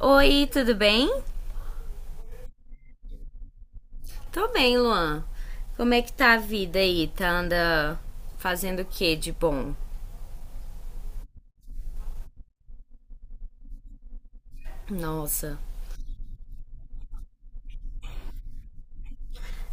Oi, tudo bem? Tô bem, Luan. Como é que tá a vida aí? Tá anda fazendo o que de bom? Nossa,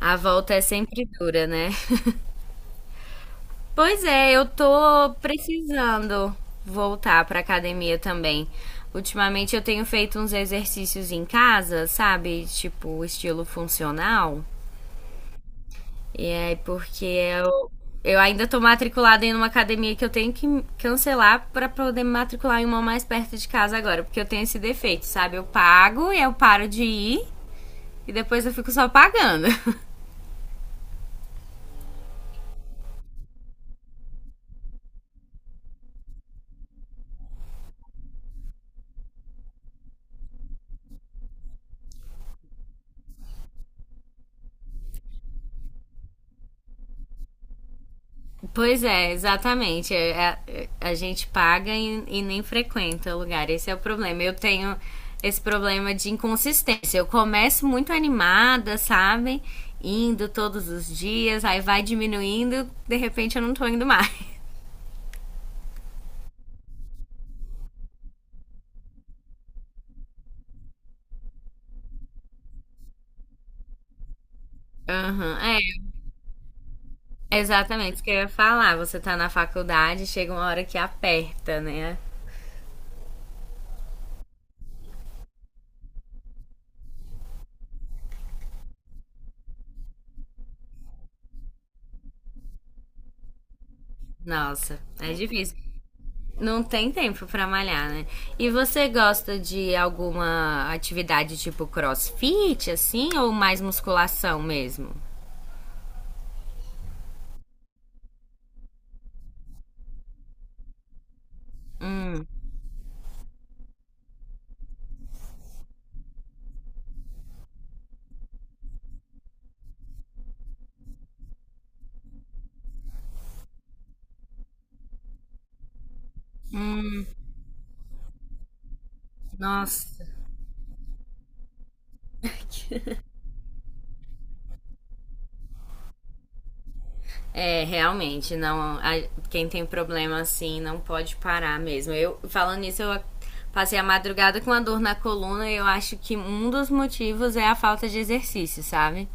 a volta é sempre dura, né? Pois é, eu tô precisando voltar pra academia também. Ultimamente eu tenho feito uns exercícios em casa, sabe? Tipo, estilo funcional. É porque eu ainda tô matriculada em uma academia que eu tenho que cancelar para poder me matricular em uma mais perto de casa agora, porque eu tenho esse defeito, sabe? Eu pago e eu paro de ir e depois eu fico só pagando. Pois é, exatamente. A gente paga e nem frequenta o lugar. Esse é o problema. Eu tenho esse problema de inconsistência. Eu começo muito animada, sabe? Indo todos os dias, aí vai diminuindo, de repente eu não tô indo mais. Aham, é, exatamente isso que eu ia falar. Você tá na faculdade, chega uma hora que aperta, né? Nossa, é difícil. Não tem tempo pra malhar, né? E você gosta de alguma atividade tipo crossfit, assim, ou mais musculação mesmo? Nossa. É, realmente, não. Quem tem problema assim não pode parar mesmo. Eu, falando nisso, passei a madrugada com a dor na coluna e eu acho que um dos motivos é a falta de exercício, sabe?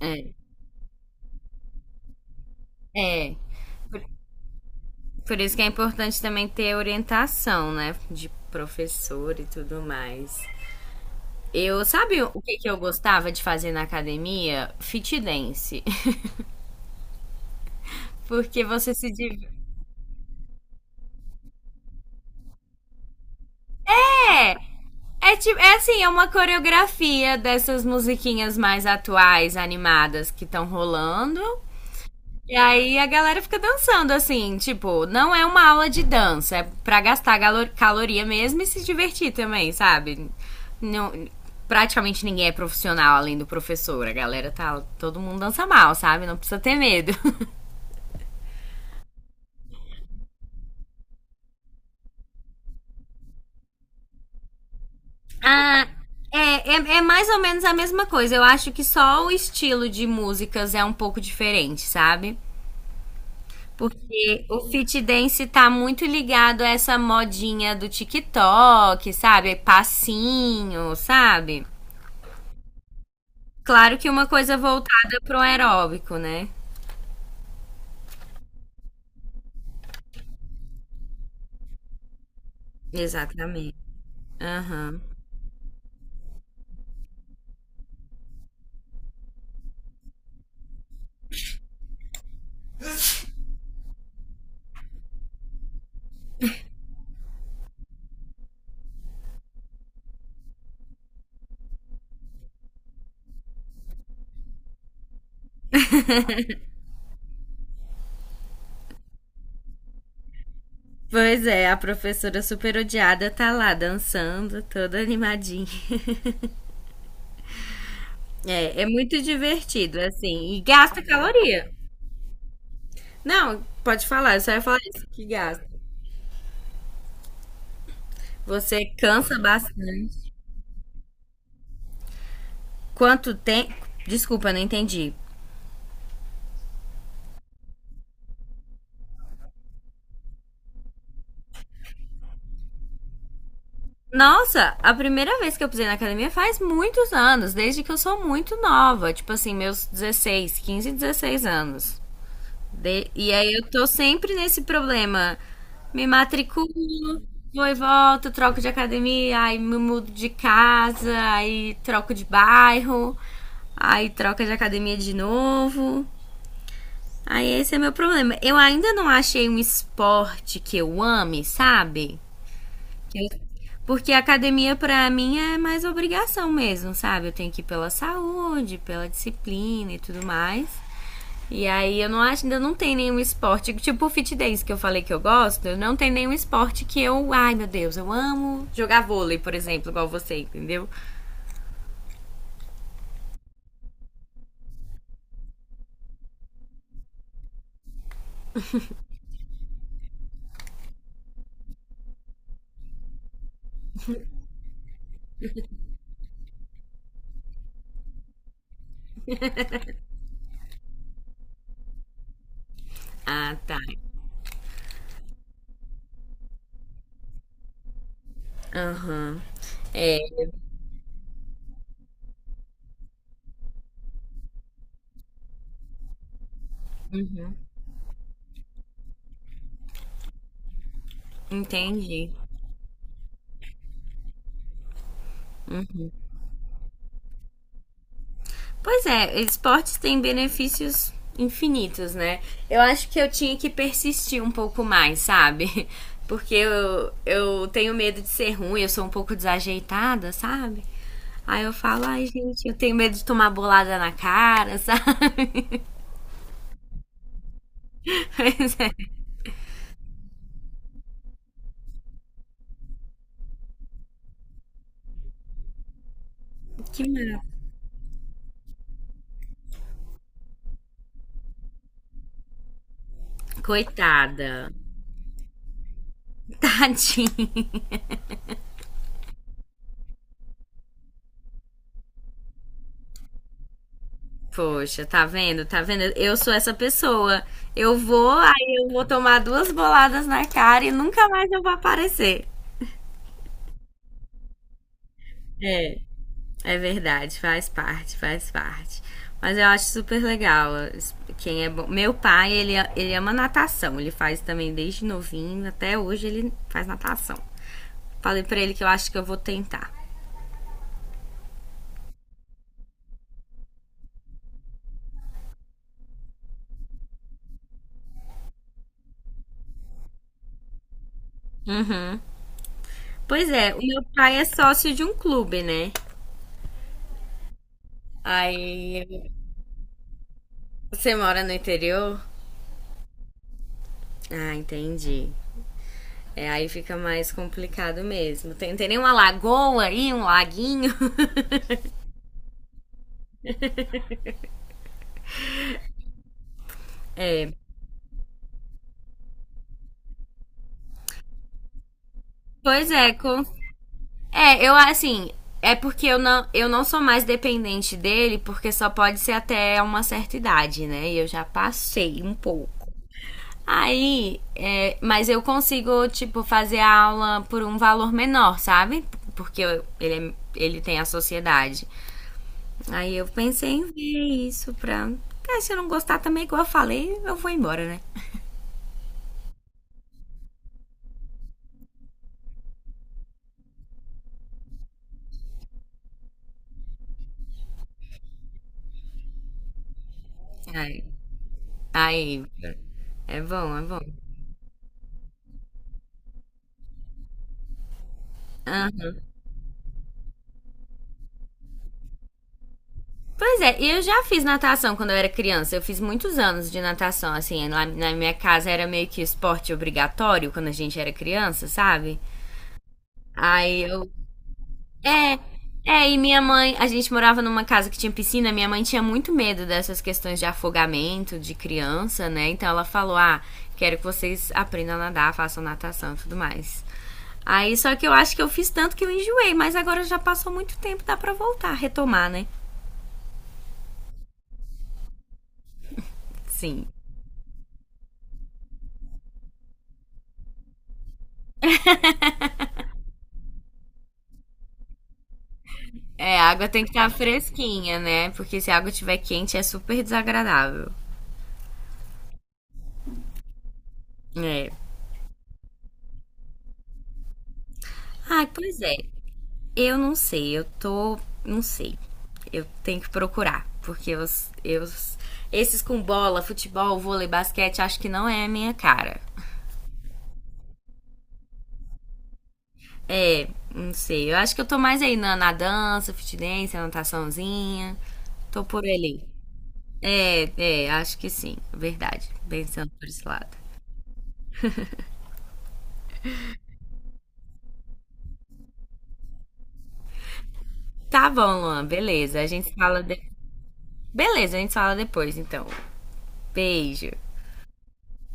É, é. Por, por isso que é importante também ter orientação, né? De professor e tudo mais. Eu, sabe o que, que eu gostava de fazer na academia? Fit dance. Porque você se diverte. É, é uma coreografia dessas musiquinhas mais atuais, animadas que estão rolando. E aí a galera fica dançando assim, tipo, não é uma aula de dança, é pra gastar caloria mesmo e se divertir também, sabe? Não, praticamente ninguém é profissional além do professor, a galera tá, todo mundo dança mal, sabe? Não precisa ter medo. Ah, é mais ou menos a mesma coisa. Eu acho que só o estilo de músicas é um pouco diferente, sabe? Porque o fit dance tá muito ligado a essa modinha do TikTok, sabe? Passinho, sabe? Claro que uma coisa voltada pro aeróbico, né? Exatamente. Aham. Pois é, a professora super odiada tá lá dançando, toda animadinha. É, é muito divertido, assim, e gasta caloria. Não, pode falar, eu só ia falar isso, que gasta. Você cansa bastante. Quanto tempo? Desculpa, não entendi. Nossa, a primeira vez que eu pisei na academia faz muitos anos, desde que eu sou muito nova, tipo assim, meus 16, 15, 16 anos. E aí eu tô sempre nesse problema. Me matriculo, vou e volto, troco de academia, aí me mudo de casa, aí troco de bairro, aí troca de academia de novo. Aí esse é meu problema. Eu ainda não achei um esporte que eu ame, sabe? Eu- Porque a academia pra mim é mais obrigação mesmo, sabe? Eu tenho que ir pela saúde, pela disciplina e tudo mais. E aí eu não acho, ainda não tem nenhum esporte, tipo o fit dance que eu falei que eu gosto, eu não tem nenhum esporte que eu, ai meu Deus, eu amo jogar vôlei, por exemplo, igual você, entendeu? Ah, tá. Aham. É, entendi. Pois é, esportes têm benefícios infinitos, né? Eu acho que eu tinha que persistir um pouco mais, sabe? Porque eu tenho medo de ser ruim, eu sou um pouco desajeitada, sabe? Aí eu falo, ai gente, eu tenho medo de tomar bolada na cara, sabe? Pois é. Que merda. Coitada. Tadinha. Poxa, tá vendo? Tá vendo? Eu sou essa pessoa. Eu vou, aí eu vou tomar duas boladas na cara e nunca mais eu vou aparecer. É. É verdade, faz parte, faz parte. Mas eu acho super legal. Quem é bom. Meu pai, ele ama natação. Ele faz também desde novinho, até hoje ele faz natação. Falei pra ele que eu acho que eu vou tentar. Uhum. Pois é, o meu pai é sócio de um clube, né? Aí você mora no interior? Ah, entendi. É, aí fica mais complicado mesmo. Tem nem uma lagoa aí, um laguinho? Pois é, com É, eu assim, é porque eu não sou mais dependente dele, porque só pode ser até uma certa idade, né? E eu já passei um pouco. Aí, é, mas eu consigo, tipo, fazer a aula por um valor menor, sabe? Porque ele, ele tem a sociedade. Aí eu pensei em ver isso pra. Ah, se eu não gostar também, igual eu falei, eu vou embora, né? Aí, aí é bom, é bom. Pois é, eu já fiz natação quando eu era criança. Eu fiz muitos anos de natação, assim. Lá na minha casa era meio que esporte obrigatório quando a gente era criança, sabe? Aí eu. É, é, e minha mãe. A gente morava numa casa que tinha piscina. Minha mãe tinha muito medo dessas questões de afogamento de criança, né? Então ela falou: ah, quero que vocês aprendam a nadar, façam natação e tudo mais. Aí só que eu acho que eu fiz tanto que eu enjoei, mas agora já passou muito tempo, dá pra voltar, retomar, né? Sim. É, a água tem que estar fresquinha, né? Porque se a água estiver quente é super desagradável. É. Ah, pois é. Eu não sei, eu tô. Não sei. Eu tenho que procurar. Porque os, eu, esses com bola, futebol, vôlei, basquete, acho que não é a minha cara. É, não sei. Eu acho que eu tô mais aí na dança, fitness, nataçãozinha. Tô por ali. É, é, acho que sim. Verdade. Pensando por esse lado. Tá bom, Luan, beleza. A gente se fala. Beleza, a gente fala depois, então. Beijo.